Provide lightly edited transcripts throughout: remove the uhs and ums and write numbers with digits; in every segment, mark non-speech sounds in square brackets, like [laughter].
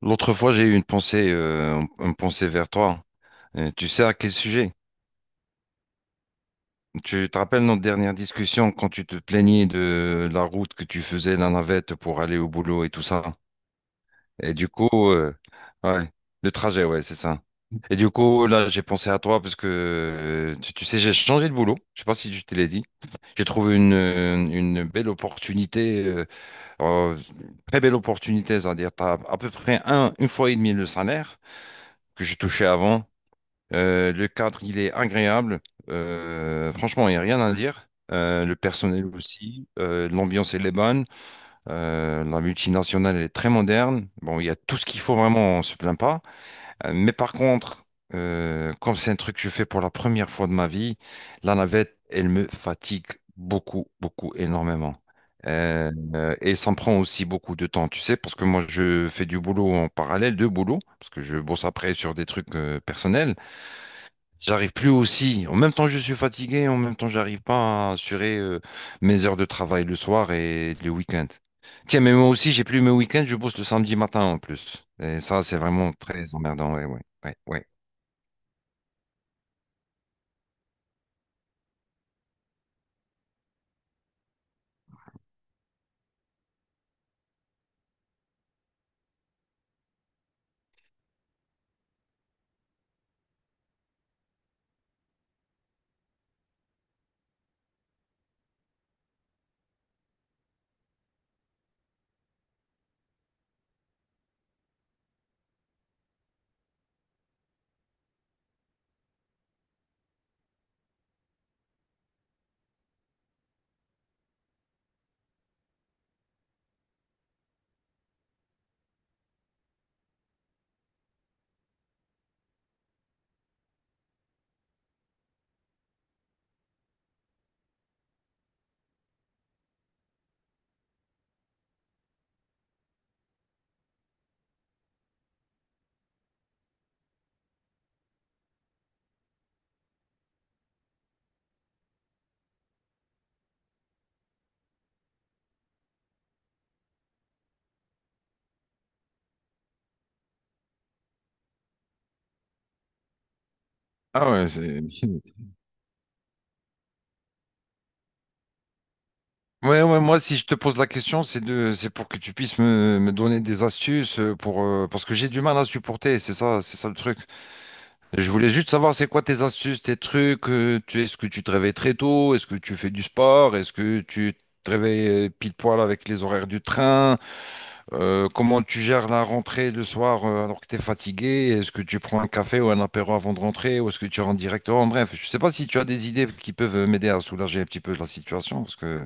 L'autre fois, j'ai eu une pensée vers toi. Tu sais à quel sujet? Tu te rappelles notre dernière discussion quand tu te plaignais de la route que tu faisais, la navette pour aller au boulot et tout ça. Et du coup, ouais, le trajet, ouais, c'est ça. Et du coup, là, j'ai pensé à toi parce que, tu sais, j'ai changé de boulot. Je sais pas si je te l'ai dit. J'ai trouvé une belle opportunité, euh, très belle opportunité, c'est-à-dire, t'as à peu près une fois et demie le salaire que je touchais avant. Le cadre, il est agréable. Franchement, il n'y a rien à dire. Le personnel aussi. L'ambiance, elle est bonne. La multinationale, elle est très moderne. Bon, il y a tout ce qu'il faut vraiment, on se plaint pas. Mais par contre, comme c'est un truc que je fais pour la première fois de ma vie, la navette, elle me fatigue beaucoup, beaucoup, énormément. Et ça me prend aussi beaucoup de temps, tu sais, parce que moi je fais du boulot en parallèle, deux boulots, parce que je bosse après sur des trucs personnels. J'arrive plus aussi. En même temps, je suis fatigué. En même temps, j'arrive pas à assurer mes heures de travail le soir et le week-end. Tiens, mais moi aussi, j'ai plus mes week-ends. Je bosse le samedi matin en plus. Et ça, c'est vraiment très emmerdant. Ouais, ouais, ouais, ouais. Ah ouais, c'est... [laughs] Ouais, ouais, moi, si je te pose la question, c'est pour que tu puisses me donner des astuces parce que j'ai du mal à supporter. C'est ça le truc. Je voulais juste savoir c'est quoi tes astuces, tes trucs. Est-ce que tu te réveilles très tôt? Est-ce que tu fais du sport? Est-ce que tu te réveilles pile poil avec les horaires du train? Comment tu gères la rentrée le soir alors que tu es fatigué? Est-ce que tu prends un café ou un apéro avant de rentrer? Ou est-ce que tu rentres directement? Bref, je ne sais pas si tu as des idées qui peuvent m'aider à soulager un petit peu la situation. Parce que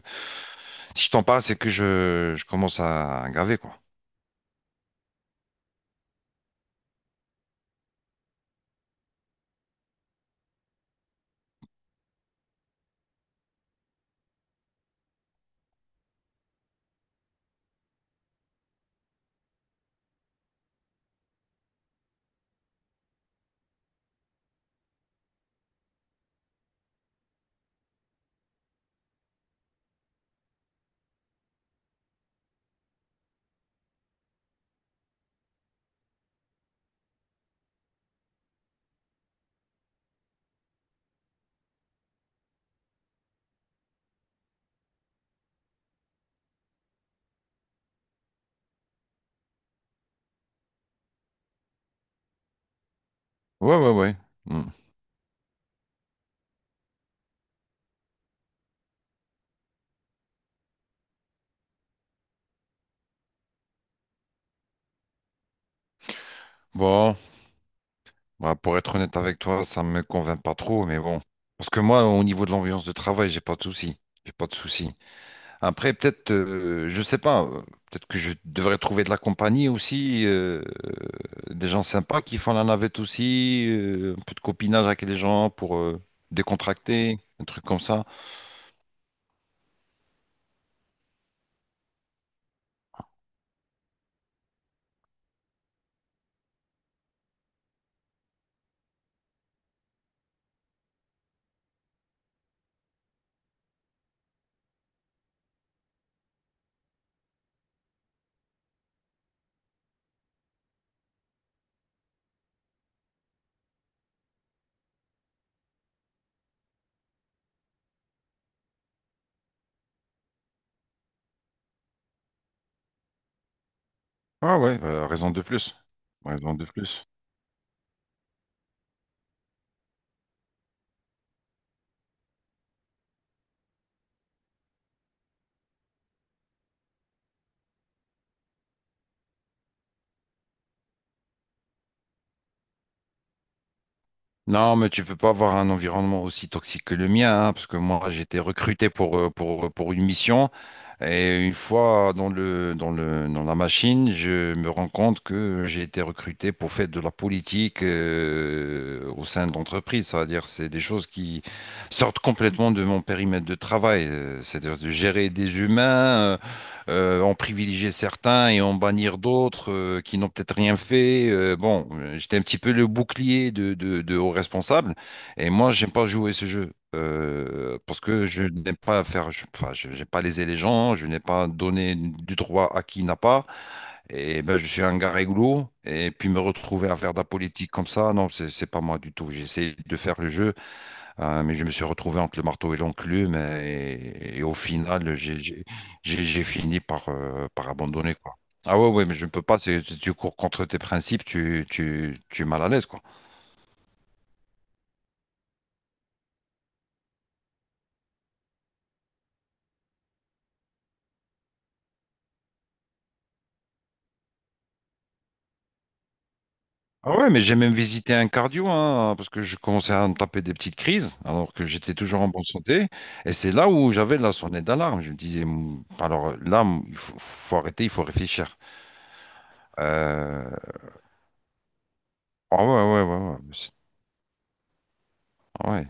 si je t'en parle, c'est que je commence à graver, quoi. Ouais, ouais, ouais. Mm. Bon. Bah, pour être honnête avec toi, ça me convainc pas trop, mais bon. Parce que moi, au niveau de l'ambiance de travail, j'ai pas de souci. J'ai pas de souci. Après, peut-être, je sais pas, peut-être que je devrais trouver de la compagnie aussi, des gens sympas qui font la navette aussi, un peu de copinage avec les gens pour décontracter, un truc comme ça. Ah ouais, raison de plus. Raison de plus. Non, mais tu peux pas avoir un environnement aussi toxique que le mien, hein, parce que moi j'étais recruté pour une mission et une fois dans la machine, je me rends compte que j'ai été recruté pour faire de la politique au sein de l'entreprise. C'est-à-dire c'est des choses qui sortent complètement de mon périmètre de travail. C'est-à-dire de gérer des humains, euh, en privilégier certains et en bannir d'autres qui n'ont peut-être rien fait. Bon, j'étais un petit peu le bouclier de aux responsables. Et moi, j'aime pas jouer ce jeu. Parce que je n'aime pas faire, enfin, je n'ai pas lésé les gens, je n'ai pas donné du droit à qui n'a pas, et ben je suis un gars réglo, et puis me retrouver à faire de la politique comme ça, non, c'est pas moi du tout. J'essaie de faire le jeu mais je me suis retrouvé entre le marteau et l'enclume et au final, j'ai fini par, par abandonner, quoi. Ah ouais, ouais, mais je ne peux pas, si tu cours contre tes principes, tu es mal à l'aise, quoi. Ah ouais, mais j'ai même visité un cardio, hein, parce que je commençais à me taper des petites crises, alors que j'étais toujours en bonne santé. Et c'est là où j'avais la sonnette d'alarme. Je me disais, Mou, alors là, mou, il faut, faut arrêter, il faut réfléchir. Euh, Ah ouais, ouais, ouais, ouais. Ah ouais.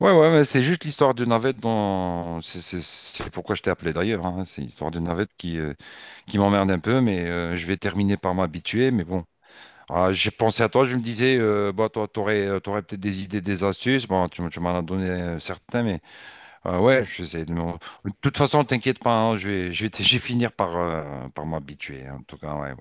Ouais, ouais, mais c'est juste l'histoire de navette dont... C'est pourquoi je t'ai appelé d'ailleurs, hein. C'est l'histoire de navette qui m'emmerde un peu, mais je vais terminer par m'habituer. Mais bon, ah, j'ai pensé à toi, je me disais, bah, toi, t'aurais, t'aurais peut-être des idées, des astuces. Bon, tu m'en as donné certains, mais ouais, je sais. De toute façon, t'inquiète pas, hein, je vais, [laughs] je vais finir par, par m'habituer, hein. En tout cas, ouais, ouais.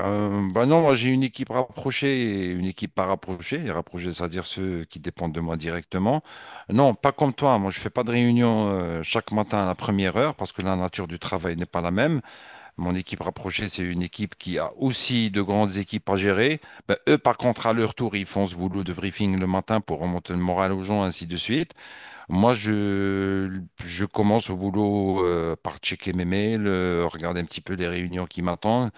Bah non, moi j'ai une équipe rapprochée et une équipe pas rapprochée. Et rapprochée, c'est-à-dire ceux qui dépendent de moi directement. Non, pas comme toi. Moi, je fais pas de réunion chaque matin à la première heure parce que la nature du travail n'est pas la même. Mon équipe rapprochée, c'est une équipe qui a aussi de grandes équipes à gérer. Bah, eux, par contre, à leur tour, ils font ce boulot de briefing le matin pour remonter le moral aux gens, ainsi de suite. Moi, je commence au boulot par checker mes mails, regarder un petit peu les réunions qui m'attendent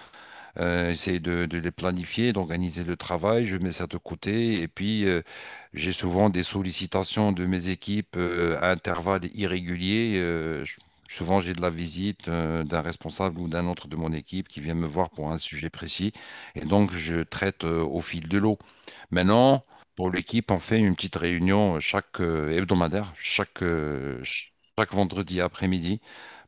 essayer de les planifier, d'organiser le travail, je mets ça de côté. Et puis, j'ai souvent des sollicitations de mes équipes à intervalles irréguliers. Souvent, j'ai de la visite d'un responsable ou d'un autre de mon équipe qui vient me voir pour un sujet précis. Et donc, je traite au fil de l'eau. Maintenant, pour l'équipe, on fait une petite réunion chaque hebdomadaire, chaque, ch- chaque vendredi après-midi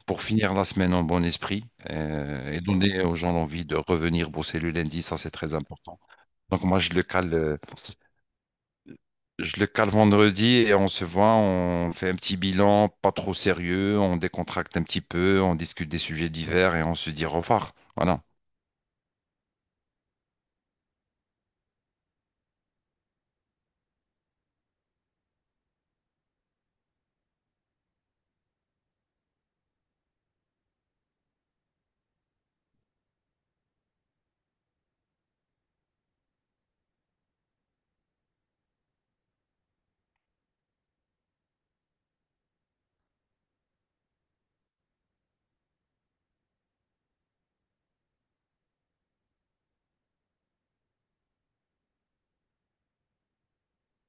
pour finir la semaine en bon esprit et donner aux gens l'envie de revenir bosser le lundi, ça c'est très important. Donc moi je le cale vendredi et on se voit, on fait un petit bilan, pas trop sérieux, on décontracte un petit peu, on discute des sujets divers et on se dit au revoir. Voilà.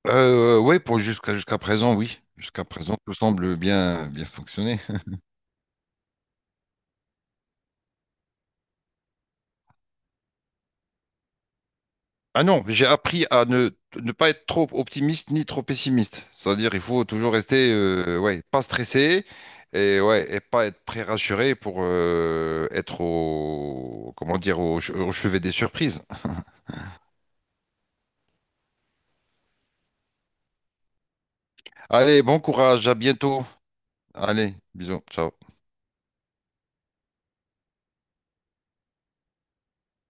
Oui, pour jusqu'à présent, oui. Jusqu'à présent, tout semble bien fonctionner. Ah non, j'ai appris à ne pas être trop optimiste ni trop pessimiste. C'est-à-dire, il faut toujours rester, ouais, pas stressé et ouais, et pas être très rassuré pour être au, comment dire, au chevet des surprises. Allez, bon courage, à bientôt. Allez, bisous, ciao.